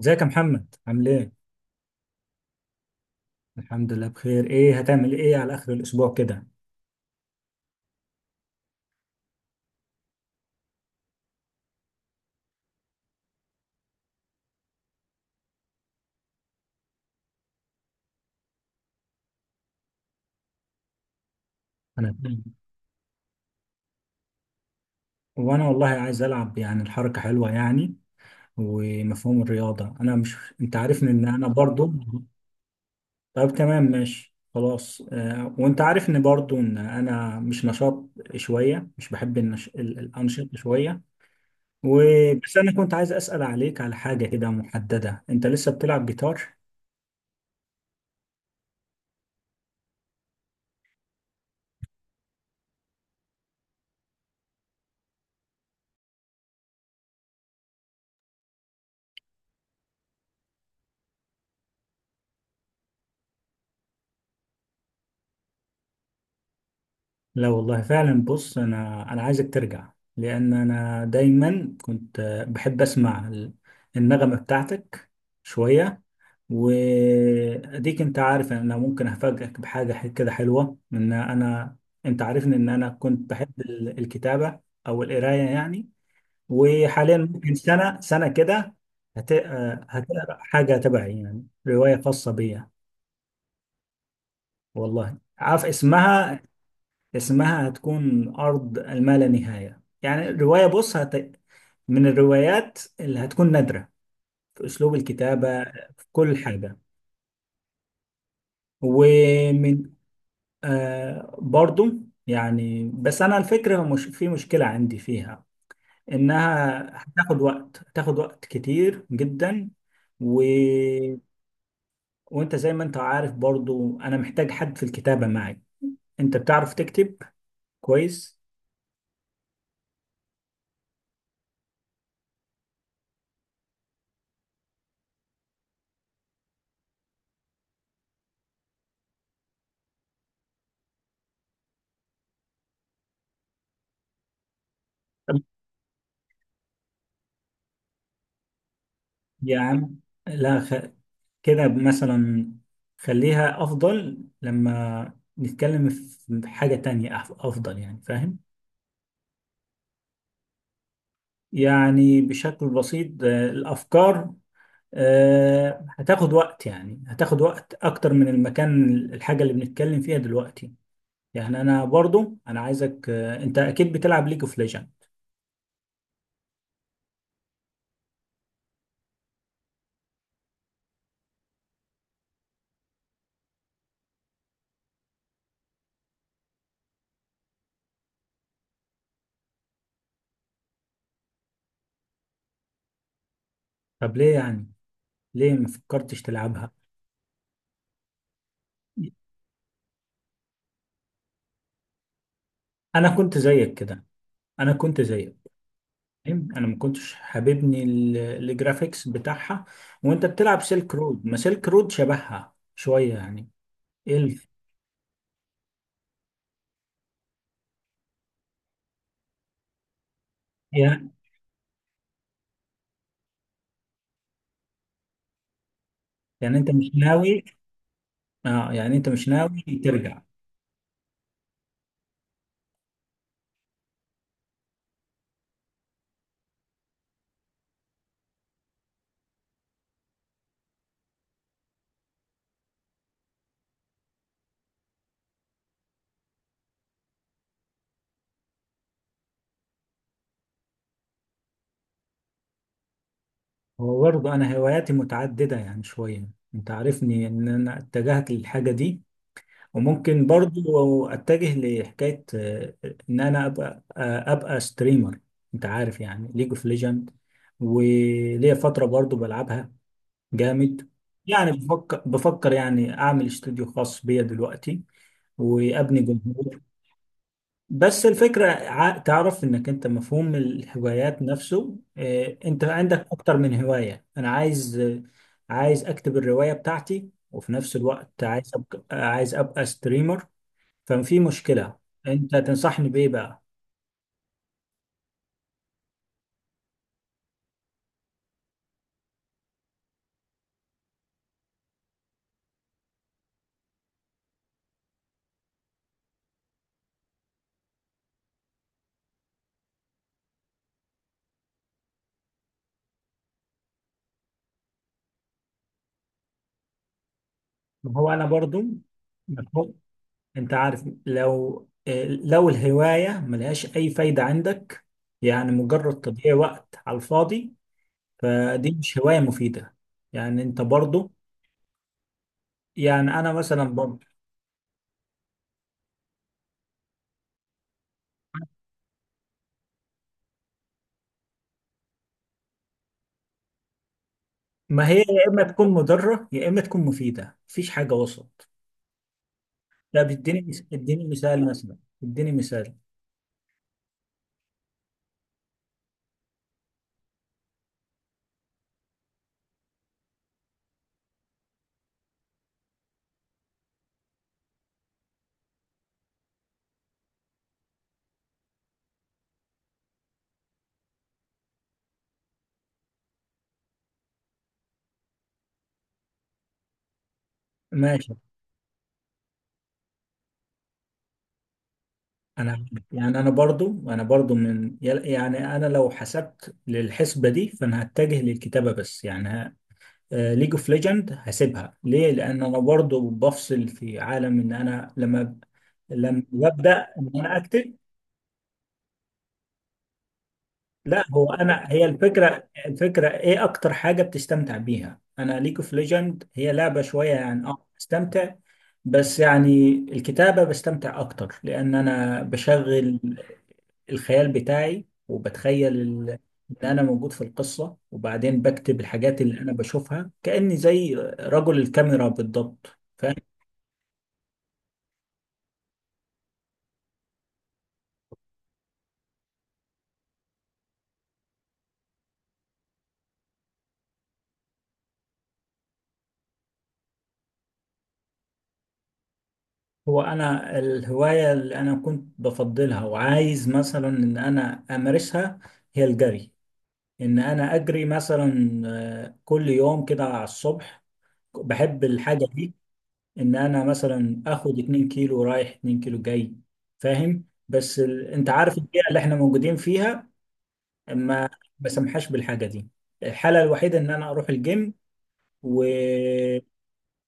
ازيك يا محمد، عامل ايه؟ الحمد لله بخير. ايه هتعمل ايه على اخر الاسبوع كده؟ انا تمام. وانا والله عايز العب، يعني الحركة حلوة يعني. ومفهوم الرياضة، انا مش، انت عارفني ان انا برضو. طب تمام ماشي خلاص، وانت عارفني برضو ان انا مش نشاط شوية، مش بحب الانشطة شوية. وبس انا كنت عايز اسأل عليك على حاجة كده محددة، انت لسه بتلعب جيتار؟ لا والله فعلا، بص، انا عايزك ترجع، لان انا دايما كنت بحب اسمع النغمه بتاعتك شويه. واديك انت عارف ان انا ممكن افاجئك بحاجه كده حلوه، ان انا، انت عارفني ان انا كنت بحب الكتابه او القرايه يعني. وحاليا ممكن سنه سنه كده هتقرا حاجه تبعي، يعني روايه خاصه بيا. والله عارف اسمها؟ اسمها هتكون أرض الما لا نهاية. يعني الرواية بص من الروايات اللي هتكون نادرة في أسلوب الكتابة، في كل حاجة. ومن برضو يعني، بس أنا الفكرة مش في مشكلة عندي فيها، إنها هتاخد وقت، هتاخد وقت كتير جدا. و... وأنت زي ما أنت عارف برضو، أنا محتاج حد في الكتابة معي. أنت بتعرف تكتب كويس. يا عم لا خ... كده مثلا خليها أفضل لما نتكلم في حاجة تانية، أفضل يعني، فاهم؟ يعني بشكل بسيط، الأفكار هتاخد وقت، يعني هتاخد وقت أكتر من المكان، الحاجة اللي بنتكلم فيها دلوقتي. يعني أنا برضو أنا عايزك، أنت أكيد بتلعب ليج اوف ليجند. طب ليه يعني، ليه ما فكرتش تلعبها؟ أنا كنت زيك كده. أنا كنت زيك، انا ما كنتش حاببني الجرافيكس بتاعها. وانت بتلعب سيلك رود، ما سيلك رود شبهها شويه يعني الف. يعني، يعني انت مش ناوي؟ اه يعني انت مش ناوي ترجع؟ هو برضه انا هواياتي متعدده يعني شويه. انت عارفني ان انا اتجهت للحاجه دي، وممكن برضه اتجه لحكايه، ان انا ابقى، ابقى ستريمر. انت عارف، يعني ليج اوف ليجند، وليا فتره برضه بلعبها جامد. يعني بفكر يعني اعمل استوديو خاص بيا دلوقتي، وابني جمهور. بس الفكره، تعرف انك انت مفهوم الهوايات نفسه، انت عندك اكتر من هوايه. انا عايز، عايز اكتب الروايه بتاعتي، وفي نفس الوقت عايز ابقى، عايز ابقى ستريمر. ففي مشكله. انت تنصحني بايه بقى؟ ما هو انا برضو، انت عارف، لو الهواية ملهاش اي فايدة عندك، يعني مجرد تضييع وقت على الفاضي، فدي مش هواية مفيدة. يعني انت برضو، يعني انا مثلا برضو، ما هي يا اما تكون مضرة يا اما تكون مفيدة، مفيش حاجة وسط. طب اديني اديني مثال مثلا، اديني مثال. ماشي. انا يعني، انا برضو يعني انا لو حسبت للحسبة دي، فانا هتجه للكتابة، بس يعني ليج اوف ليجند هسيبها ليه؟ لان انا برضو بفصل في عالم، ان انا لما لما ببدا ان انا اكتب. لا هو انا، هي الفكره، الفكره ايه اكتر حاجه بتستمتع بيها؟ انا ليج اوف ليجند هي لعبه شويه يعني، اه بستمتع. بس يعني الكتابه بستمتع اكتر، لان انا بشغل الخيال بتاعي، وبتخيل ان انا موجود في القصه، وبعدين بكتب الحاجات اللي انا بشوفها كاني زي رجل الكاميرا بالضبط. هو انا الهوايه اللي انا كنت بفضلها وعايز مثلا ان انا امارسها هي الجري. ان انا اجري مثلا، كل يوم كده على الصبح، بحب الحاجه دي. ان انا مثلا اخد 2 كيلو رايح 2 كيلو جاي، فاهم؟ انت عارف البيئه اللي احنا موجودين فيها، ما بسمحاش بالحاجه دي. الحاله الوحيده ان انا اروح الجيم و...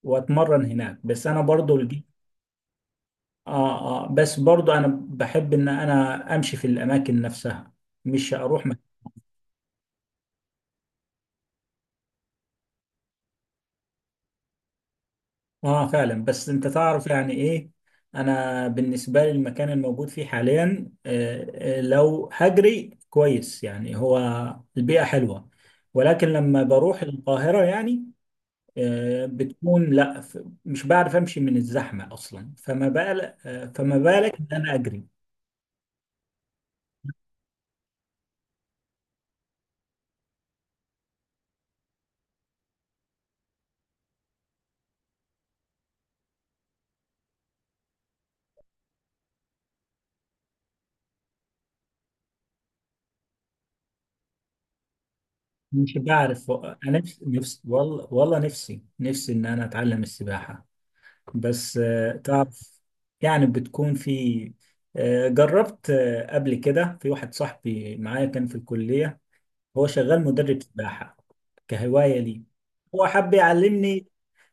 واتمرن هناك. بس انا برضو الجيم، اه اه، بس برضو انا بحب ان انا امشي في الاماكن نفسها، مش اروح مكان. اه فعلا، بس انت تعرف يعني ايه، انا بالنسبه لي المكان الموجود فيه حاليا، لو هجري كويس يعني هو البيئه حلوه. ولكن لما بروح القاهره يعني، بتكون لا، مش بعرف امشي من الزحمه اصلا، فما بالك، فما بالك ان انا اجري؟ مش بعرف انا، نفسي نفسي والله والله، نفسي نفسي ان انا اتعلم السباحه، بس تعرف، يعني بتكون في، جربت قبل كده. في واحد صاحبي معايا كان في الكلية، هو شغال مدرب سباحة. كهواية لي، هو حب يعلمني،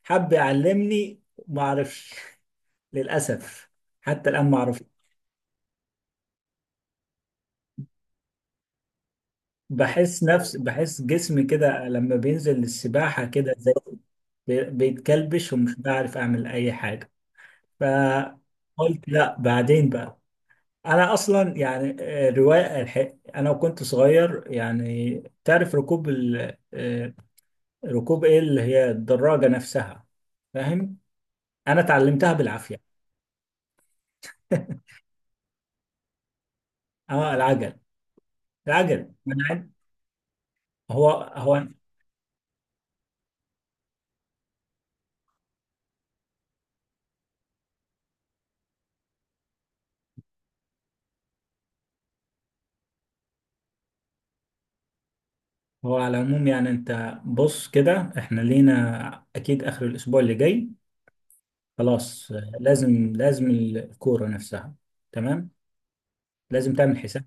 حب يعلمني. ما اعرفش للأسف، حتى الآن ما اعرف. بحس نفس، بحس جسمي كده لما بينزل للسباحة، كده زي بيتكلبش، ومش بعرف أعمل أي حاجة، فقلت لا بعدين بقى. انا اصلا يعني، روايه الحق انا وكنت صغير يعني، تعرف ركوب ال... آه، ركوب ايه اللي هي الدراجه نفسها، فاهم، انا اتعلمتها بالعافيه. اه العجل. العجل أنا عارف. هو هو هو على العموم يعني، انت بص كده، احنا لينا اكيد اخر الاسبوع اللي جاي. خلاص لازم، لازم الكوره نفسها. تمام، لازم تعمل حساب.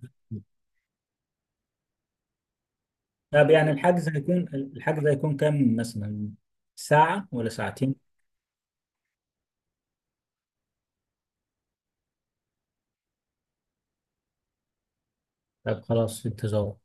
طب يعني الحجز هيكون، الحجز هيكون كام مثلا؟ ساعه ولا ساعتين؟ طب خلاص، في انتظار.